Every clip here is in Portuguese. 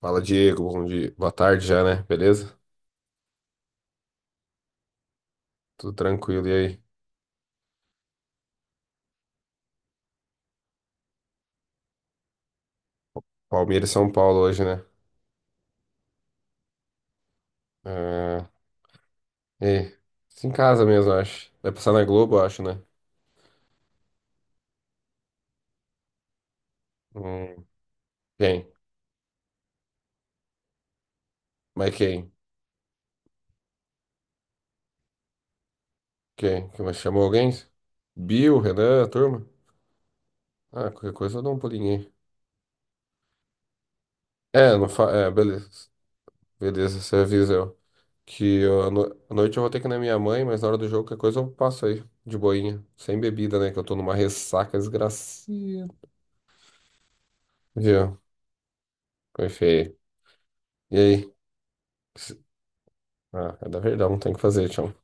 Fala, Diego. Bom dia. Boa tarde já, né? Beleza? Tudo tranquilo. E aí? Palmeiras e São Paulo hoje, né? Ah, e em casa mesmo, eu acho. Vai passar na Globo, eu acho, né? Hum, Quem? Mas quem? Quem? Quem mais chamou alguém? Bill, Renan, a turma? Ah, qualquer coisa eu dou um pulinho aí. É, não fa... é, beleza. Beleza, você avisa eu. Que eu, à no- à noite eu vou ter que ir na minha mãe, mas na hora do jogo, qualquer coisa eu passo aí, de boinha. Sem bebida, né? Que eu tô numa ressaca desgracia. Viu? Foi feio. E aí? Ah, é da Verdão, tem que fazer, Tião.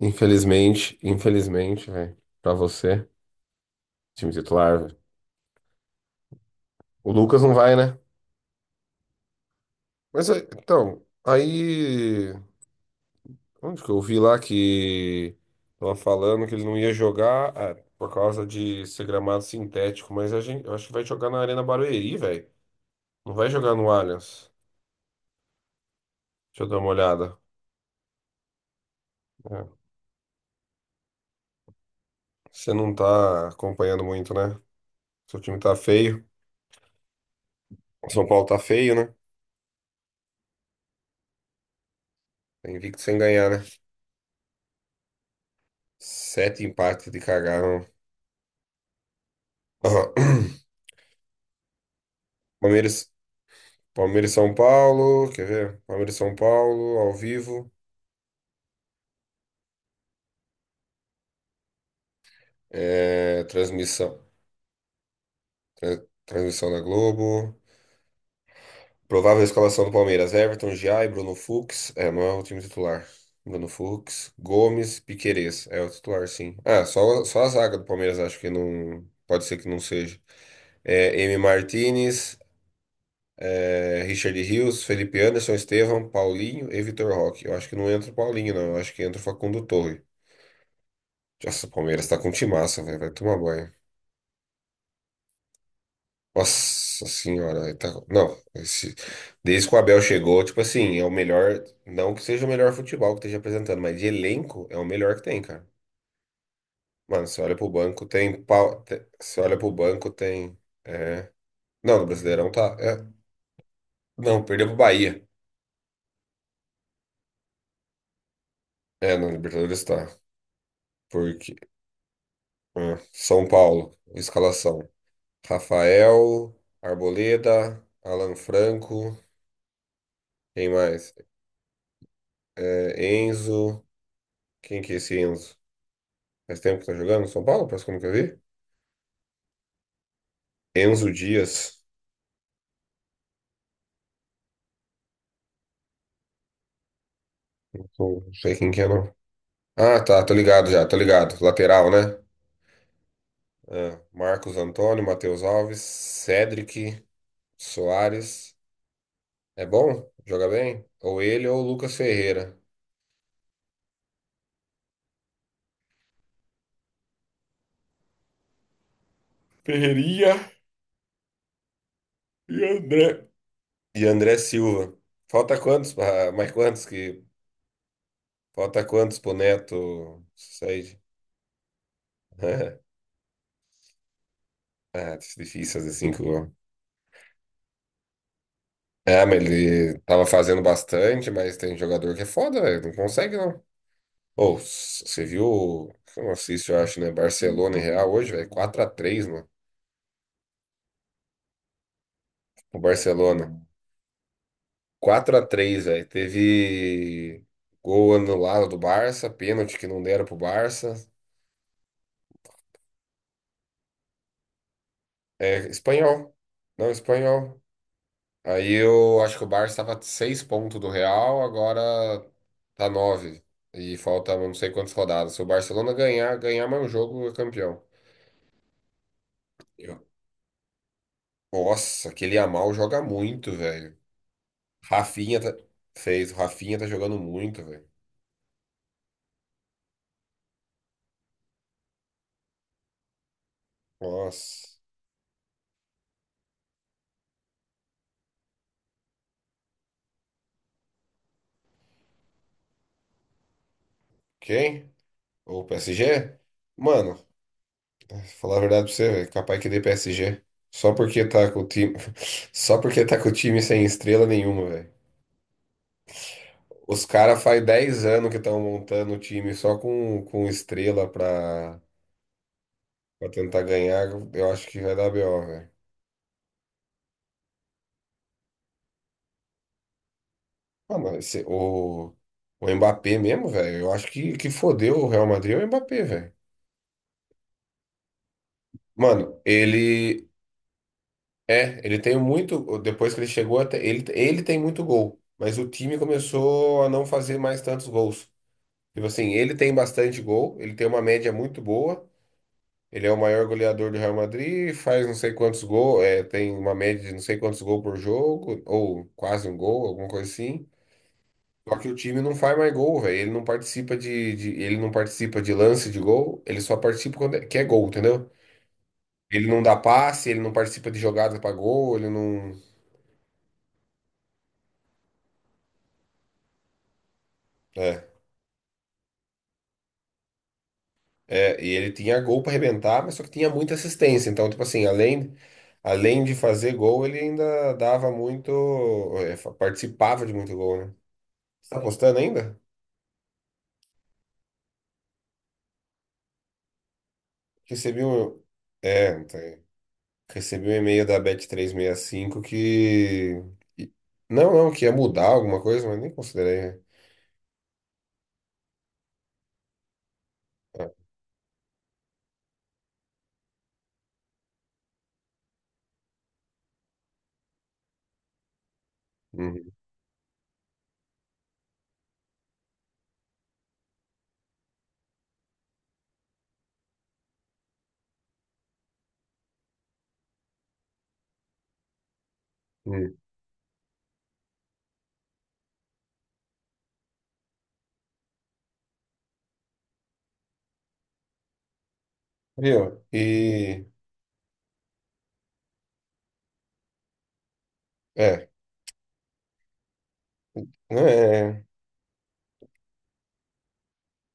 Infelizmente, infelizmente, velho, pra você, time titular, velho. O Lucas não vai, né? Mas, é, então, aí, onde que eu vi lá que tava falando que ele não ia jogar, por causa de ser gramado sintético, mas a gente, eu acho que vai jogar na Arena Barueri, velho. Não vai jogar no Allianz. Deixa eu dar uma olhada. É. Você não tá acompanhando muito, né? Seu time tá feio. O São Paulo tá feio, né? Tá invicto sem ganhar, né? Sete empates de cagaram. Palmeiras, Palmeiras e São Paulo, quer ver? Palmeiras e São Paulo, ao vivo. É, transmissão. Transmissão da Globo. Provável escalação do Palmeiras. Everton, Giai, Bruno Fux. É, não é o time titular. Bruno Fux, Gomes, Piquerez. É o titular, sim. Ah, só a zaga do Palmeiras acho que não. Pode ser que não seja. É, M. Martinez. É, Richard Rios, Felipe Anderson, Estevão, Paulinho e Vitor Roque. Eu acho que não entra o Paulinho, não. Eu acho que entra o Facundo Torre. Nossa, o Palmeiras tá com timaça, velho. Vai tomar banho. Nossa senhora, aí tá. Não, esse. Desde que o Abel chegou, tipo assim, é o melhor. Não que seja o melhor futebol que esteja apresentando, mas de elenco é o melhor que tem, cara. Mano, você olha pro banco, tem. Você olha pro banco, tem. É. Não, no Brasileirão tá. É, não, perdeu pro Bahia. É, no Libertadores tá. Porque. Ah, São Paulo, escalação. Rafael, Arboleda, Alan Franco, quem mais? É, Enzo, quem que é esse Enzo? Faz tempo que tá jogando no São Paulo? Parece que eu nunca vi. Enzo Dias, não sei quem que é não. Ah, tá, tô ligado já, tô ligado. Lateral, né? Ah, Marcos Antônio, Matheus Alves, Cedric, Soares. É bom? Joga bem? Ou ele ou o Lucas Ferreira. Ferreirinha e André. E André Silva. Falta quantos? Mais quantos que. Falta quantos pro Neto sair? Ah, tá difícil fazer cinco gols. É, mas ele tava fazendo bastante, mas tem jogador que é foda, velho. Não consegue, não. Ou, você viu. Não assisto, eu acho, né? Barcelona e Real hoje, velho. 4-3, mano. O Barcelona. 4-3, velho. Teve gol anulado do Barça, pênalti que não deram pro Barça. É, espanhol. Não, espanhol. Aí eu acho que o Barça estava 6 pontos do Real, agora tá nove. E falta não sei quantas rodadas. Se o Barcelona ganhar, mais um jogo, é campeão. Eu- Nossa, aquele Yamal joga muito, velho. Rafinha tá. Fez, o Rafinha tá jogando muito, velho. Nossa. Quem? O PSG? Mano, falar a verdade pra você, velho, capaz que dê PSG. Só porque tá com o time, só porque tá com o time sem estrela nenhuma, velho. Os caras faz 10 anos que estão montando o time só com estrela pra tentar ganhar. Eu acho que vai dar BO, velho. Mano, o Mbappé mesmo, velho. Eu acho que fodeu o Real Madrid é o Mbappé, velho. Mano, ele. É, ele tem muito. Depois que ele chegou, até, ele tem muito gol. Mas o time começou a não fazer mais tantos gols. Tipo assim, ele tem bastante gol, ele tem uma média muito boa. Ele é o maior goleador do Real Madrid, faz não sei quantos gols, é, tem uma média de não sei quantos gols por jogo, ou quase um gol, alguma coisa assim. Só que o time não faz mais gol, velho. Ele não participa ele não participa de lance de gol, ele só participa quando é, que é gol, entendeu? Ele não dá passe, ele não participa de jogada pra gol, ele não. É, e ele tinha gol pra arrebentar, mas só que tinha muita assistência. Então, tipo assim, além de fazer gol, ele ainda dava muito. É, participava de muito gol, né? Você tá apostando ainda? Recebi um. É, não tem. Recebi um e-mail da Bet365 que. que- Não, não, que ia mudar alguma coisa, mas nem considerei, né? Uhum, uhum. Viu? E. É. Não é. É.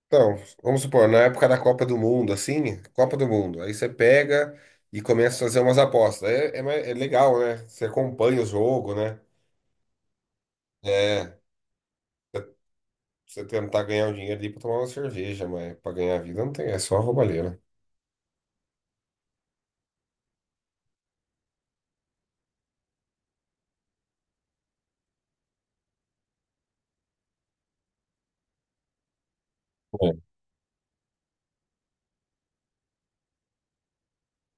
Então, vamos supor, na época da Copa do Mundo, assim, Copa do Mundo, aí você pega e começa a fazer umas apostas. É legal, né? Você acompanha o jogo, né? É. Você você tentar ganhar o dinheiro ali pra tomar uma cerveja, mas pra ganhar a vida não tem, é só roubalheira.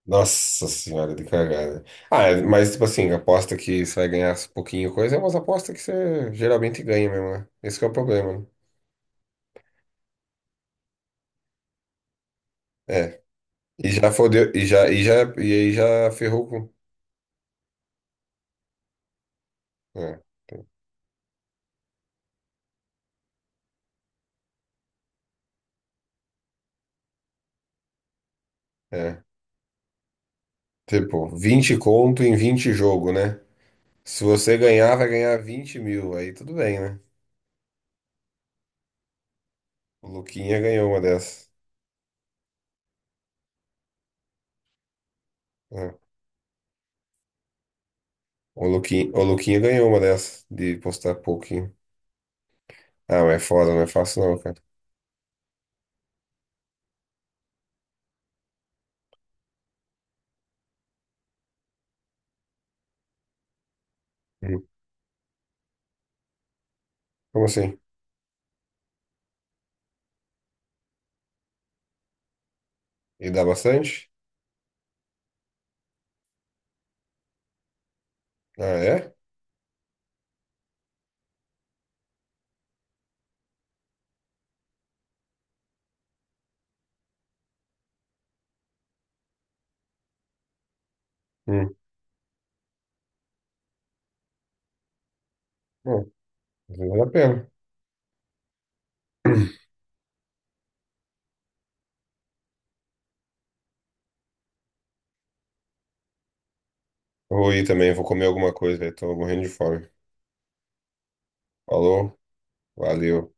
Nossa senhora, de cagada. Ah, é, mas tipo assim, aposta que você vai ganhar pouquinho coisa, é umas apostas que você geralmente ganha mesmo, né? Esse que é o problema, né? É. E já fodeu, e aí já ferrou com. É, é. Tipo, 20 conto em 20 jogo, né? Se você ganhar, vai ganhar 20 mil. Aí tudo bem, né? O Luquinha ganhou uma dessas. É. O Luquinha ganhou uma dessas de postar pouquinho. Ah, mas é foda, não é fácil não, cara. Hum. Como assim? E dá bastante? Ah, é? Hum. Bom, às vezes vale a pena. Vou ir também, vou comer alguma coisa, velho. Tô morrendo de fome. Falou, valeu.